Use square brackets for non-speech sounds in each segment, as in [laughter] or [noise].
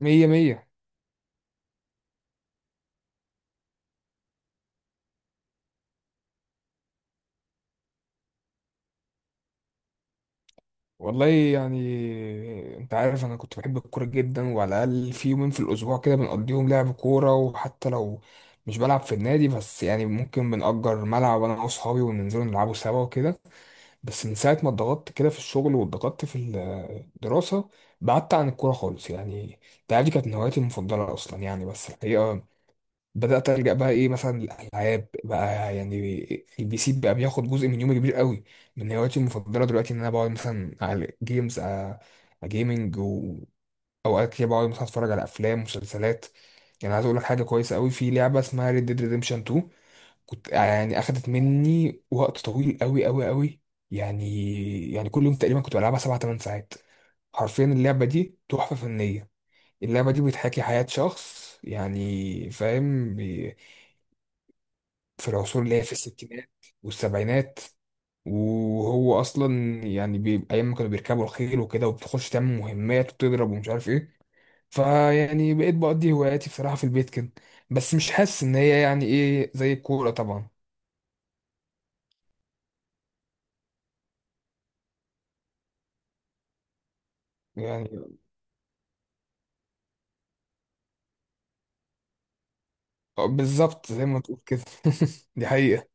مية مية. والله يعني انت عارف انا كنت بحب الكورة جدا، وعلى الاقل في يومين في الاسبوع كده بنقضيهم لعب كورة، وحتى لو مش بلعب في النادي بس يعني ممكن بنأجر ملعب انا واصحابي وننزلوا نلعبوا سوا وكده. بس من ساعة ما اتضغطت كده في الشغل واتضغطت في الدراسة بعدت عن الكورة خالص. يعني انت عارف دي كانت من هواياتي المفضلة اصلا، يعني بس الحقيقة بدأت ألجأ بقى إيه، مثلا الألعاب بقى يعني، البي سي بقى بياخد جزء من يومي كبير قوي. من هواياتي المفضلة دلوقتي إن أنا بقعد مثلا على جيمز جيمنج، وأوقات كده بقعد مثلا أتفرج على أفلام مسلسلات. يعني عايز أقول لك حاجة كويسة قوي، في لعبة اسمها Red Dead Redemption 2. كنت يعني أخدت مني وقت طويل قوي قوي قوي. يعني كل يوم تقريبا كنت بلعبها 7 8 ساعات. حرفيا اللعبة دي تحفة فنية. اللعبة دي بتحكي حياة شخص، يعني فاهم، في العصور اللي هي في الستينات والسبعينات، وهو اصلا يعني ايام ما كانوا بيركبوا الخيل وكده، وبتخش تعمل مهمات وتضرب ومش عارف ايه. فيعني بقيت بقضي هواياتي بصراحة في البيت كده، بس مش حاسس ان هي يعني ايه زي الكورة طبعا. يعني بالظبط زي ما تقول كده. [laughs] دي حقيقة.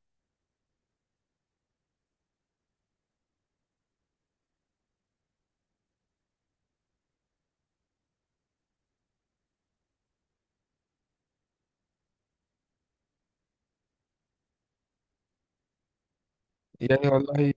يعني والله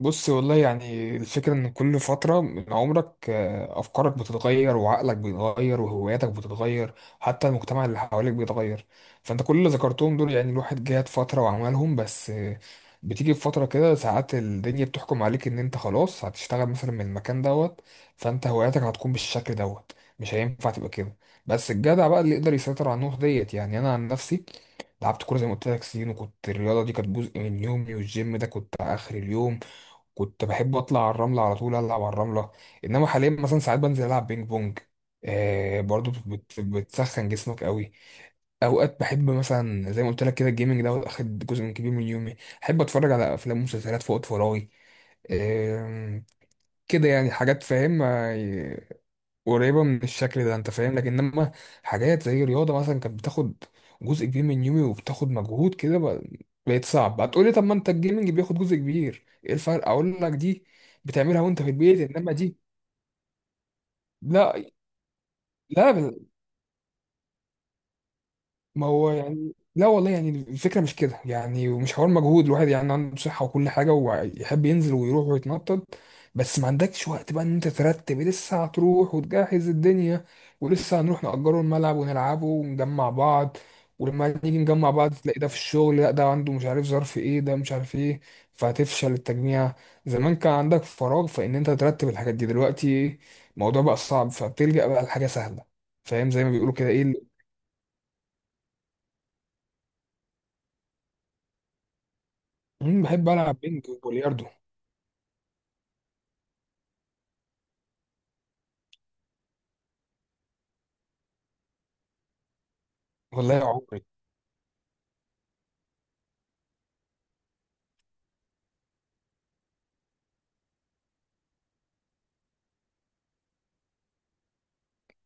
بص، والله يعني الفكرة إن كل فترة من عمرك أفكارك بتتغير، وعقلك بيتغير، وهواياتك بتتغير، حتى المجتمع اللي حواليك بيتغير. فأنت كل اللي ذكرتهم دول يعني الواحد جات فترة وعملهم، بس بتيجي في فترة كده ساعات الدنيا بتحكم عليك إن أنت خلاص هتشتغل مثلا من المكان دوت، فأنت هواياتك هتكون بالشكل دوت، مش هينفع تبقى كده. بس الجدع بقى اللي يقدر يسيطر على النقطة ديت. يعني أنا عن نفسي لعبت كورة زي ما قلت لك سنين، وكنت الرياضة دي كانت جزء من يومي، والجيم ده كنت آخر اليوم. كنت بحب اطلع على الرمله على طول العب على الرمله. انما حاليا مثلا ساعات بنزل العب بينج بونج، آه برضو بتسخن جسمك قوي. اوقات بحب مثلا زي ما قلت لك كده الجيمنج ده واخد جزء من كبير من يومي، احب اتفرج على افلام ومسلسلات في وقت فراغي. آه كده يعني حاجات فاهم، قريبه من الشكل ده انت فاهم، لكن انما حاجات زي الرياضه مثلا كانت بتاخد جزء كبير من يومي وبتاخد مجهود كده، بقت صعب. هتقولي طب ما انت الجيمنج بياخد جزء كبير، ايه الفرق؟ اقول لك دي بتعملها وانت في البيت، انما دي لا. لا ما هو يعني، لا والله يعني الفكرة مش كده يعني، ومش حوار مجهود، الواحد يعني عنده صحة وكل حاجة، ويحب ينزل ويروح ويتنطط، بس ما عندكش وقت بقى ان انت ترتب، لسه هتروح وتجهز الدنيا، ولسه هنروح نأجره الملعب ونلعبه ونجمع بعض، ولما نيجي نجمع بعض تلاقي ده في الشغل، لا ده عنده مش عارف ظرف ايه، ده مش عارف ايه، فهتفشل التجميع. زمان كان عندك فراغ فان انت ترتب الحاجات دي، دلوقتي الموضوع بقى صعب، فبتلجأ بقى لحاجة سهلة. فاهم زي ما بيقولوا كده ايه. بحب ألعب بينج وبلياردو. والله يا عمري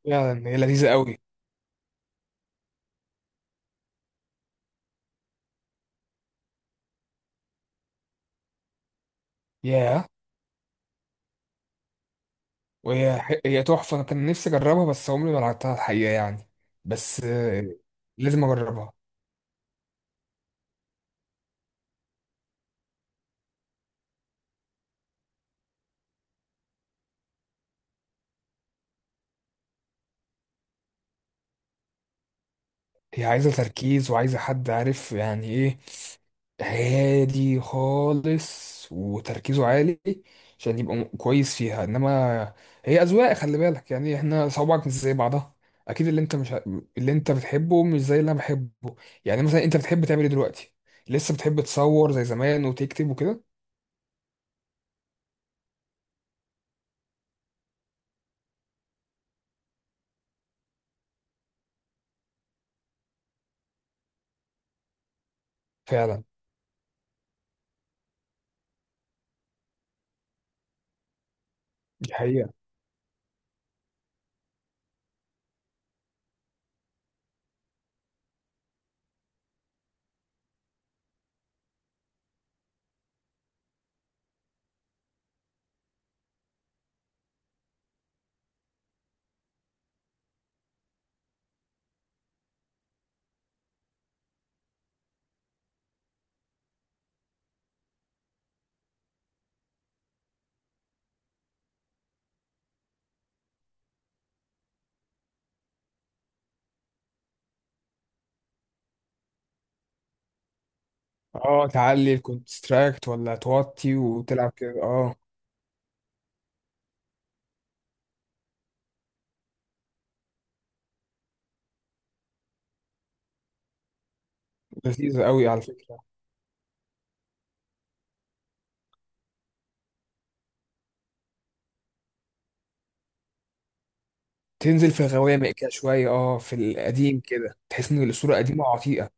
فعلا هي لذيذة قوي. ياه، هي تحفة. أنا كان نفسي أجربها بس عمري ما لعبتها الحقيقة يعني. بس لازم أجربها. هي عايزة تركيز، وعايزة حد عارف يعني إيه، هادي خالص وتركيزه عالي، عشان يبقى كويس فيها. انما هي اذواق، خلي بالك يعني، احنا صوابعك مش زي بعضها. اكيد اللي انت مش اللي انت بتحبه مش زي اللي انا بحبه. يعني مثلا انت بتحب تعمل ايه دلوقتي؟ لسه بتحب تصور زي زمان وتكتب وكده؟ فعلا، دي حقيقة. اه، تعلي الكونستراكت ولا توطي وتلعب كده، اه. لذيذة قوي على فكرة. تنزل في الغوامق كده شوية، اه، في القديم كده تحس ان الصورة قديمة وعتيقة.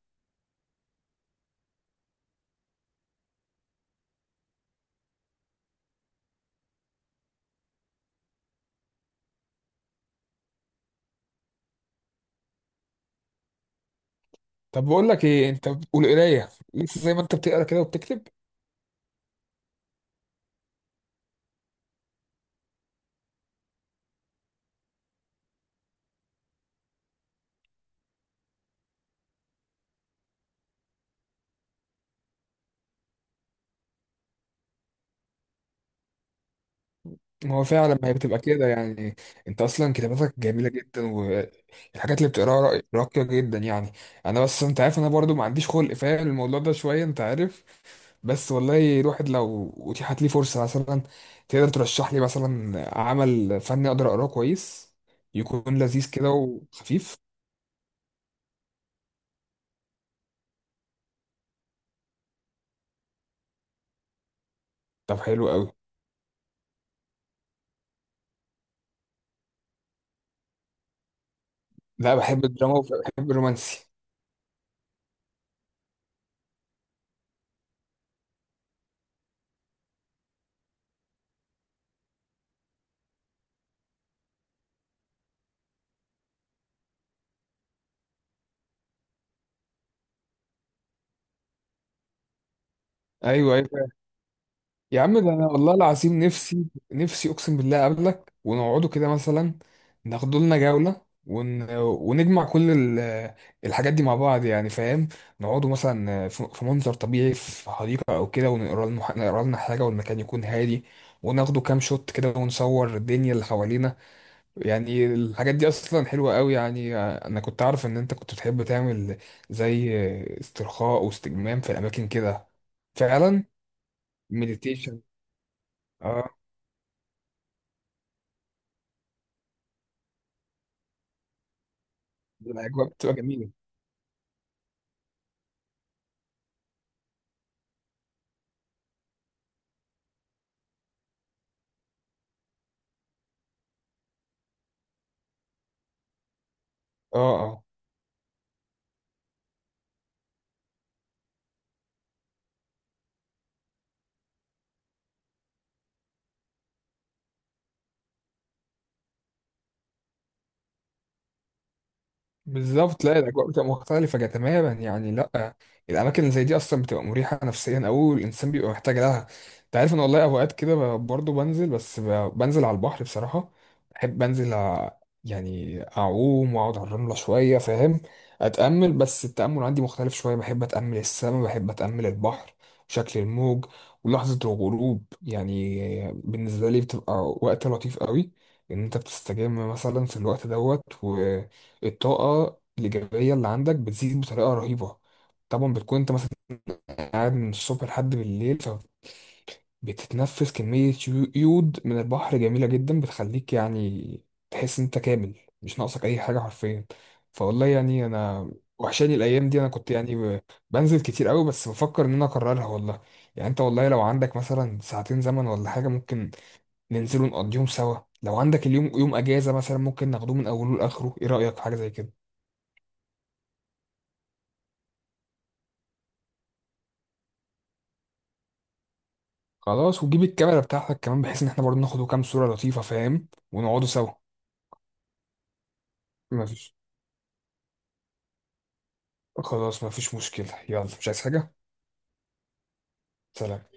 طب بقول لك ايه انت، والقرايه لسه زي ما انت بتقرا كده وبتكتب؟ ما هو فعلا، ما هي بتبقى كده يعني. انت اصلا كتاباتك جميله جدا، والحاجات اللي بتقراها راقيه جدا يعني. انا بس، انت عارف، انا برضو ما عنديش خلق فاهم الموضوع ده شويه، انت عارف. بس والله الواحد لو اتيحت لي فرصه مثلا، تقدر ترشح لي مثلا عمل فني اقدر اقراه كويس، يكون لذيذ كده وخفيف؟ طب حلو قوي. لا بحب الدراما وبحب الرومانسي. ايوه، ايوه. يا عم ده انا والله العظيم نفسي، نفسي اقسم بالله اقابلك ونقعدوا كده مثلا، ناخدوا لنا جولة، ونجمع كل الحاجات دي مع بعض، يعني فاهم. نقعدوا مثلا في منظر طبيعي في حديقة او كده، ونقرا لنا نقرا لنا حاجة، والمكان يكون هادي، وناخدوا كام شوت كده، ونصور الدنيا اللي حوالينا. يعني الحاجات دي اصلا حلوة قوي، يعني انا كنت عارف ان انت كنت تحب تعمل زي استرخاء واستجمام في الاماكن كده. فعلا، مديتيشن. الاجواء بتبقى جميله. اه، اه، بالظبط. لا الاجواء بتبقى مختلفه تماما يعني، لا. الاماكن اللي زي دي اصلا بتبقى مريحه نفسيا، او الانسان بيبقى محتاج لها. انت عارف ان والله اوقات كده برضه بنزل، بس بنزل على البحر بصراحه. بحب انزل يعني اعوم واقعد على الرمله شويه، فاهم، اتامل. بس التامل عندي مختلف شويه، بحب اتامل السماء، بحب اتامل البحر، شكل الموج، ولحظه الغروب. يعني بالنسبه لي بتبقى وقت لطيف قوي، ان انت بتستجم مثلا في الوقت دوت. الطاقة الإيجابية اللي عندك بتزيد بطريقة رهيبة. طبعا بتكون أنت مثلا قاعد من الصبح لحد بالليل، فبتتنفس كمية يود من البحر جميلة جدا، بتخليك يعني تحس إن أنت كامل، مش ناقصك أي حاجة حرفيا. فوالله يعني أنا وحشاني الأيام دي، أنا كنت يعني بنزل كتير قوي، بس بفكر إن أنا أكررها والله. يعني أنت والله لو عندك مثلا ساعتين زمن ولا حاجة، ممكن ننزل ونقضيهم سوا. لو عندك اليوم يوم أجازة مثلا، ممكن ناخدوه من أوله لآخره. إيه رأيك في حاجة زي كده؟ خلاص، وتجيب الكاميرا بتاعتك كمان، بحيث ان احنا برضه ناخد كام صورة لطيفة، فاهم، ونقعدوا سوا. مفيش، خلاص، مفيش مشكلة. يلا، مش عايز حاجة. سلام.